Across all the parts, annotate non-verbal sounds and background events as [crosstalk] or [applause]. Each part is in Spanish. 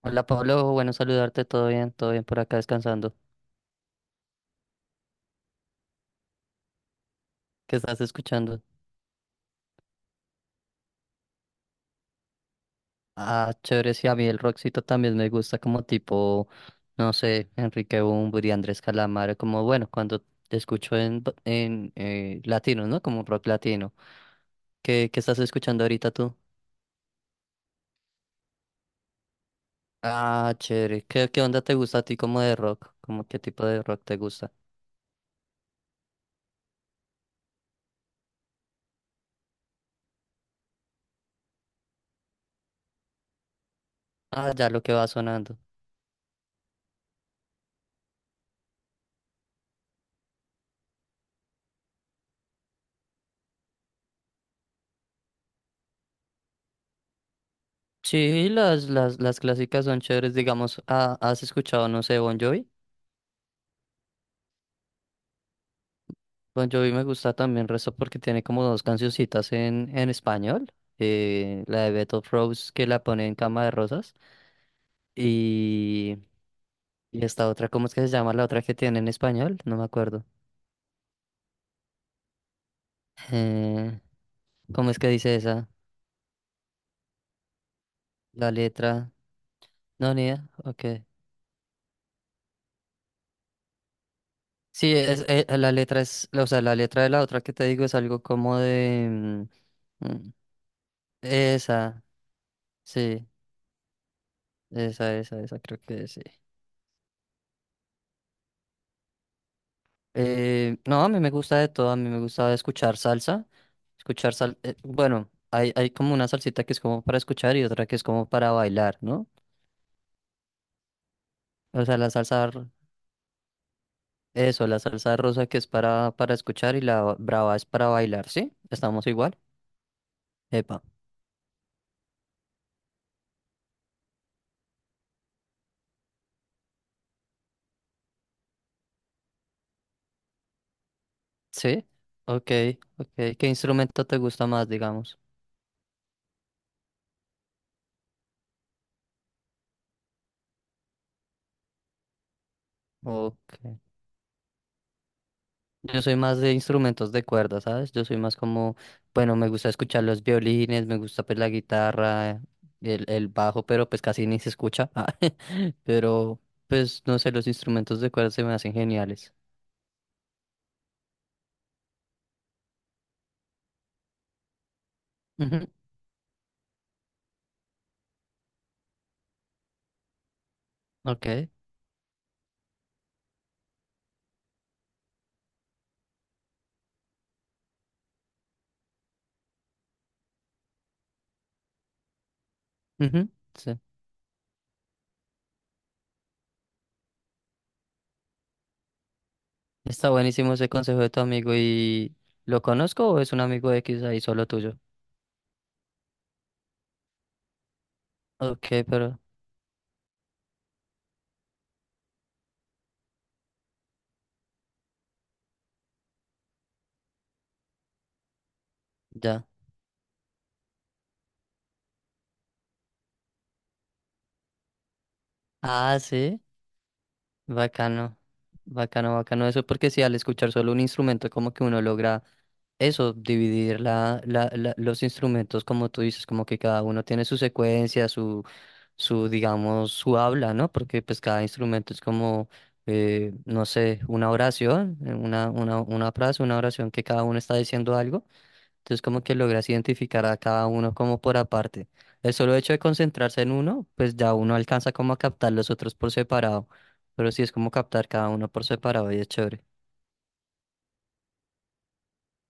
Hola Pablo, bueno saludarte, todo bien por acá descansando. ¿Qué estás escuchando? Ah, chévere, sí, a mí el rockcito también me gusta como tipo, no sé, Enrique Bunbury, Andrés Calamaro, como bueno, cuando te escucho en, en latino, ¿no? Como rock latino. ¿Qué estás escuchando ahorita tú? Ah, chévere, ¿qué onda te gusta a ti como de rock? ¿Cómo qué tipo de rock te gusta? Ah, ya lo que va sonando. Sí, las clásicas son chéveres, digamos, ah, ¿has escuchado, no sé, Bon Jovi? Bon Jovi me gusta también resto porque tiene como dos cancioncitas en español. La de Beto Rose que la pone en Cama de Rosas. Y, y esta otra, ¿cómo es que se llama la otra que tiene en español? No me acuerdo. Eh, ¿Cómo es que dice esa? La letra. No, ni idea. Ok. Sí, es, la letra es, o sea, la letra de la otra que te digo es algo como de... mm, mm, esa, sí, esa creo que es. No, a mí me gusta de todo, a mí me gusta escuchar salsa, bueno, hay como una salsita que es como para escuchar y otra que es como para bailar, ¿no? O sea, eso, la salsa rosa que es para escuchar y la brava es para bailar, ¿sí? Estamos igual. Epa, ¿sí? Ok, ok. ¿Qué instrumento te gusta más, digamos? Ok. Yo soy más de instrumentos de cuerda, ¿sabes? Yo soy más como, bueno, me gusta escuchar los violines, me gusta pues la guitarra, el bajo, pero pues casi ni se escucha. [laughs] Ah, [laughs] Pero pues no sé, los instrumentos de cuerda se me hacen geniales. Ujú, ok, ujú, sí. Está buenísimo ese consejo de tu amigo y ¿lo conozco o es un amigo X ahí solo tuyo? Ok, pero ya. Ah, sí, bacano. Bacano, bacano eso, porque si al escuchar solo un instrumento como que uno logra eso, dividir la, los instrumentos, como tú dices, como que cada uno tiene su secuencia, su, digamos, su habla, ¿no? Porque pues cada instrumento es como, no sé, una oración, una frase, una oración que cada uno está diciendo algo. Entonces como que logras identificar a cada uno como por aparte. El solo hecho de concentrarse en uno, pues ya uno alcanza como a captar los otros por separado. Pero sí es como captar cada uno por separado y es chévere.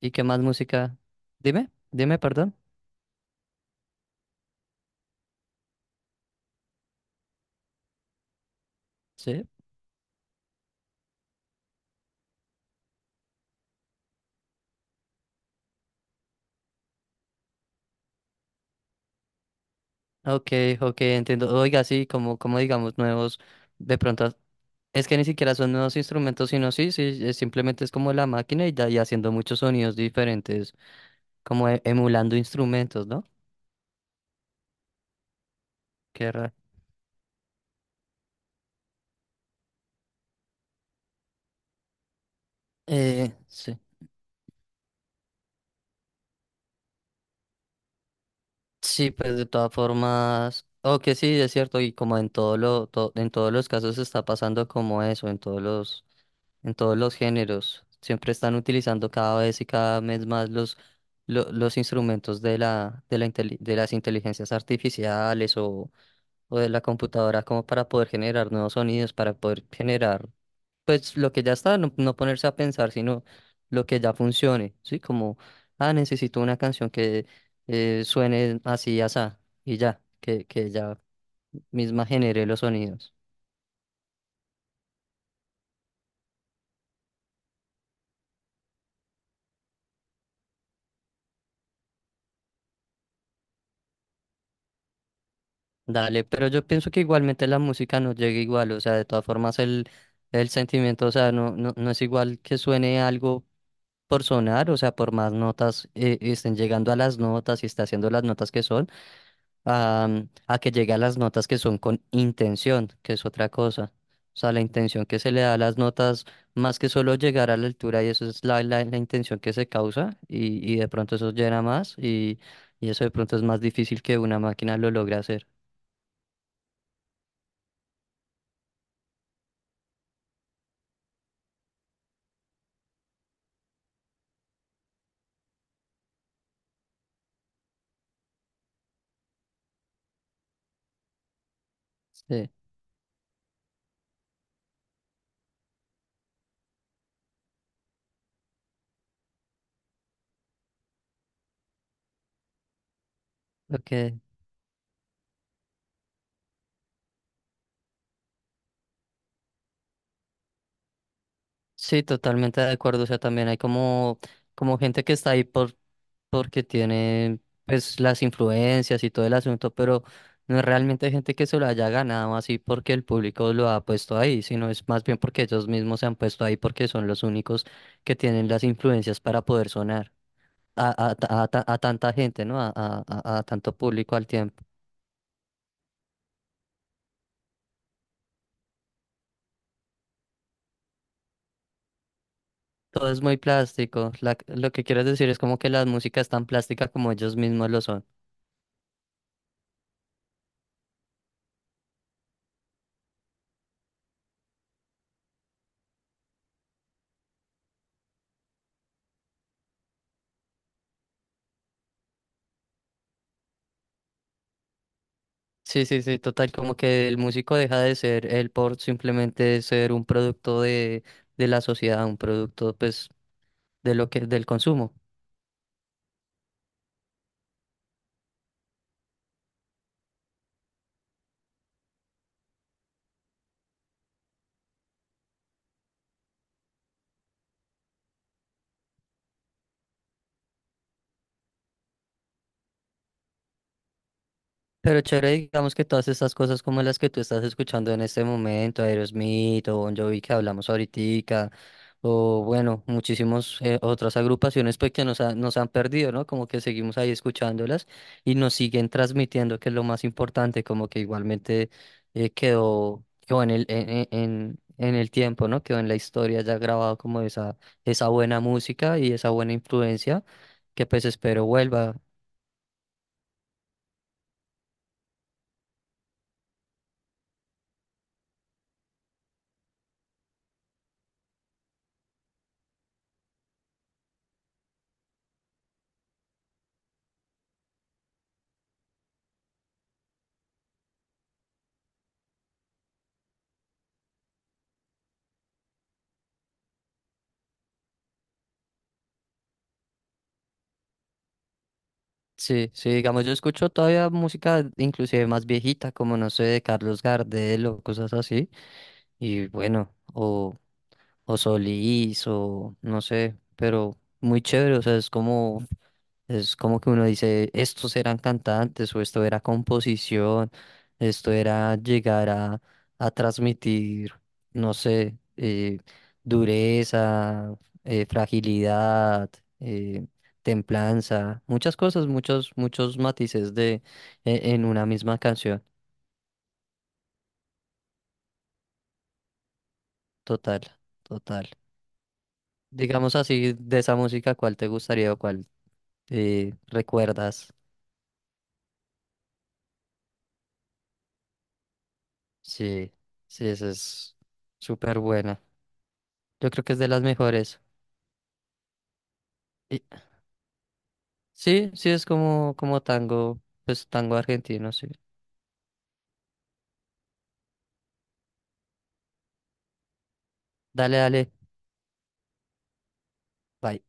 ¿Y qué más música? Dime, dime, perdón. Sí. Ok, ok, entiendo. Oiga, sí, como, como digamos, nuevos, de pronto, es que ni siquiera son nuevos instrumentos, sino sí, sí, es simplemente es como la máquina y, y haciendo muchos sonidos diferentes, como emulando instrumentos, ¿no? Qué raro. Sí. Sí, pues de todas formas, o que sí, es cierto, y como en todo lo, en todos los casos está pasando como eso, en todos los géneros. Siempre están utilizando cada vez y cada mes más los, los instrumentos de la, de las inteligencias artificiales o de la computadora como para poder generar nuevos sonidos, para poder generar, pues lo que ya está, no, no ponerse a pensar, sino lo que ya funcione, ¿sí? Como, ah, necesito una canción que suene así y asá, y ya, que ya misma genere los sonidos. Dale, pero yo pienso que igualmente la música no llega igual, o sea, de todas formas el sentimiento, o sea, no, no, no es igual que suene algo por sonar, o sea, por más notas estén llegando a las notas y está haciendo las notas que son, a, a que llegue a las notas que son con intención, que es otra cosa. O sea, la intención que se le da a las notas, más que solo llegar a la altura, y eso es la, la intención que se causa, y de pronto eso llena más, y eso de pronto es más difícil que una máquina lo logre hacer. Sí. Okay. Sí, totalmente de acuerdo. O sea, también hay como, como gente que está ahí por, porque tiene pues las influencias y todo el asunto, pero no es realmente gente que se lo haya ganado así porque el público lo ha puesto ahí, sino es más bien porque ellos mismos se han puesto ahí porque son los únicos que tienen las influencias para poder sonar a, a tanta gente, ¿no? A, a tanto público al tiempo. Todo es muy plástico. Lo que quieres decir es como que la música es tan plástica como ellos mismos lo son. Sí, sí, sí, total, como que el músico deja de ser él por simplemente ser un producto de la sociedad, un producto pues de lo que, del consumo. Pero chévere, digamos que todas estas cosas como las que tú estás escuchando en este momento, Aerosmith o Bon Jovi que hablamos ahorita, o bueno, muchísimas otras agrupaciones pues que nos, nos han perdido, ¿no? Como que seguimos ahí escuchándolas y nos siguen transmitiendo, que es lo más importante, como que igualmente quedó, quedó en el, en, en el tiempo, ¿no? Quedó en la historia ya grabado como esa buena música y esa buena influencia que pues espero vuelva. Sí, sí, digamos, yo escucho todavía música inclusive más viejita, como no sé, de Carlos Gardel o cosas así, y bueno, o Solís, o no sé, pero muy chévere, o sea, es como que uno dice, estos eran cantantes o esto era composición, esto era llegar a transmitir, no sé, dureza, fragilidad, eh, templanza, muchas cosas, muchos, muchos matices de, en una misma canción. Total, total. Digamos así, de esa música, ¿cuál te gustaría o cuál recuerdas? Sí, sí, esa es súper buena. Yo creo que es de las mejores. Y- sí, sí, es como, como tango, pues tango argentino, sí. Dale, dale. Bye.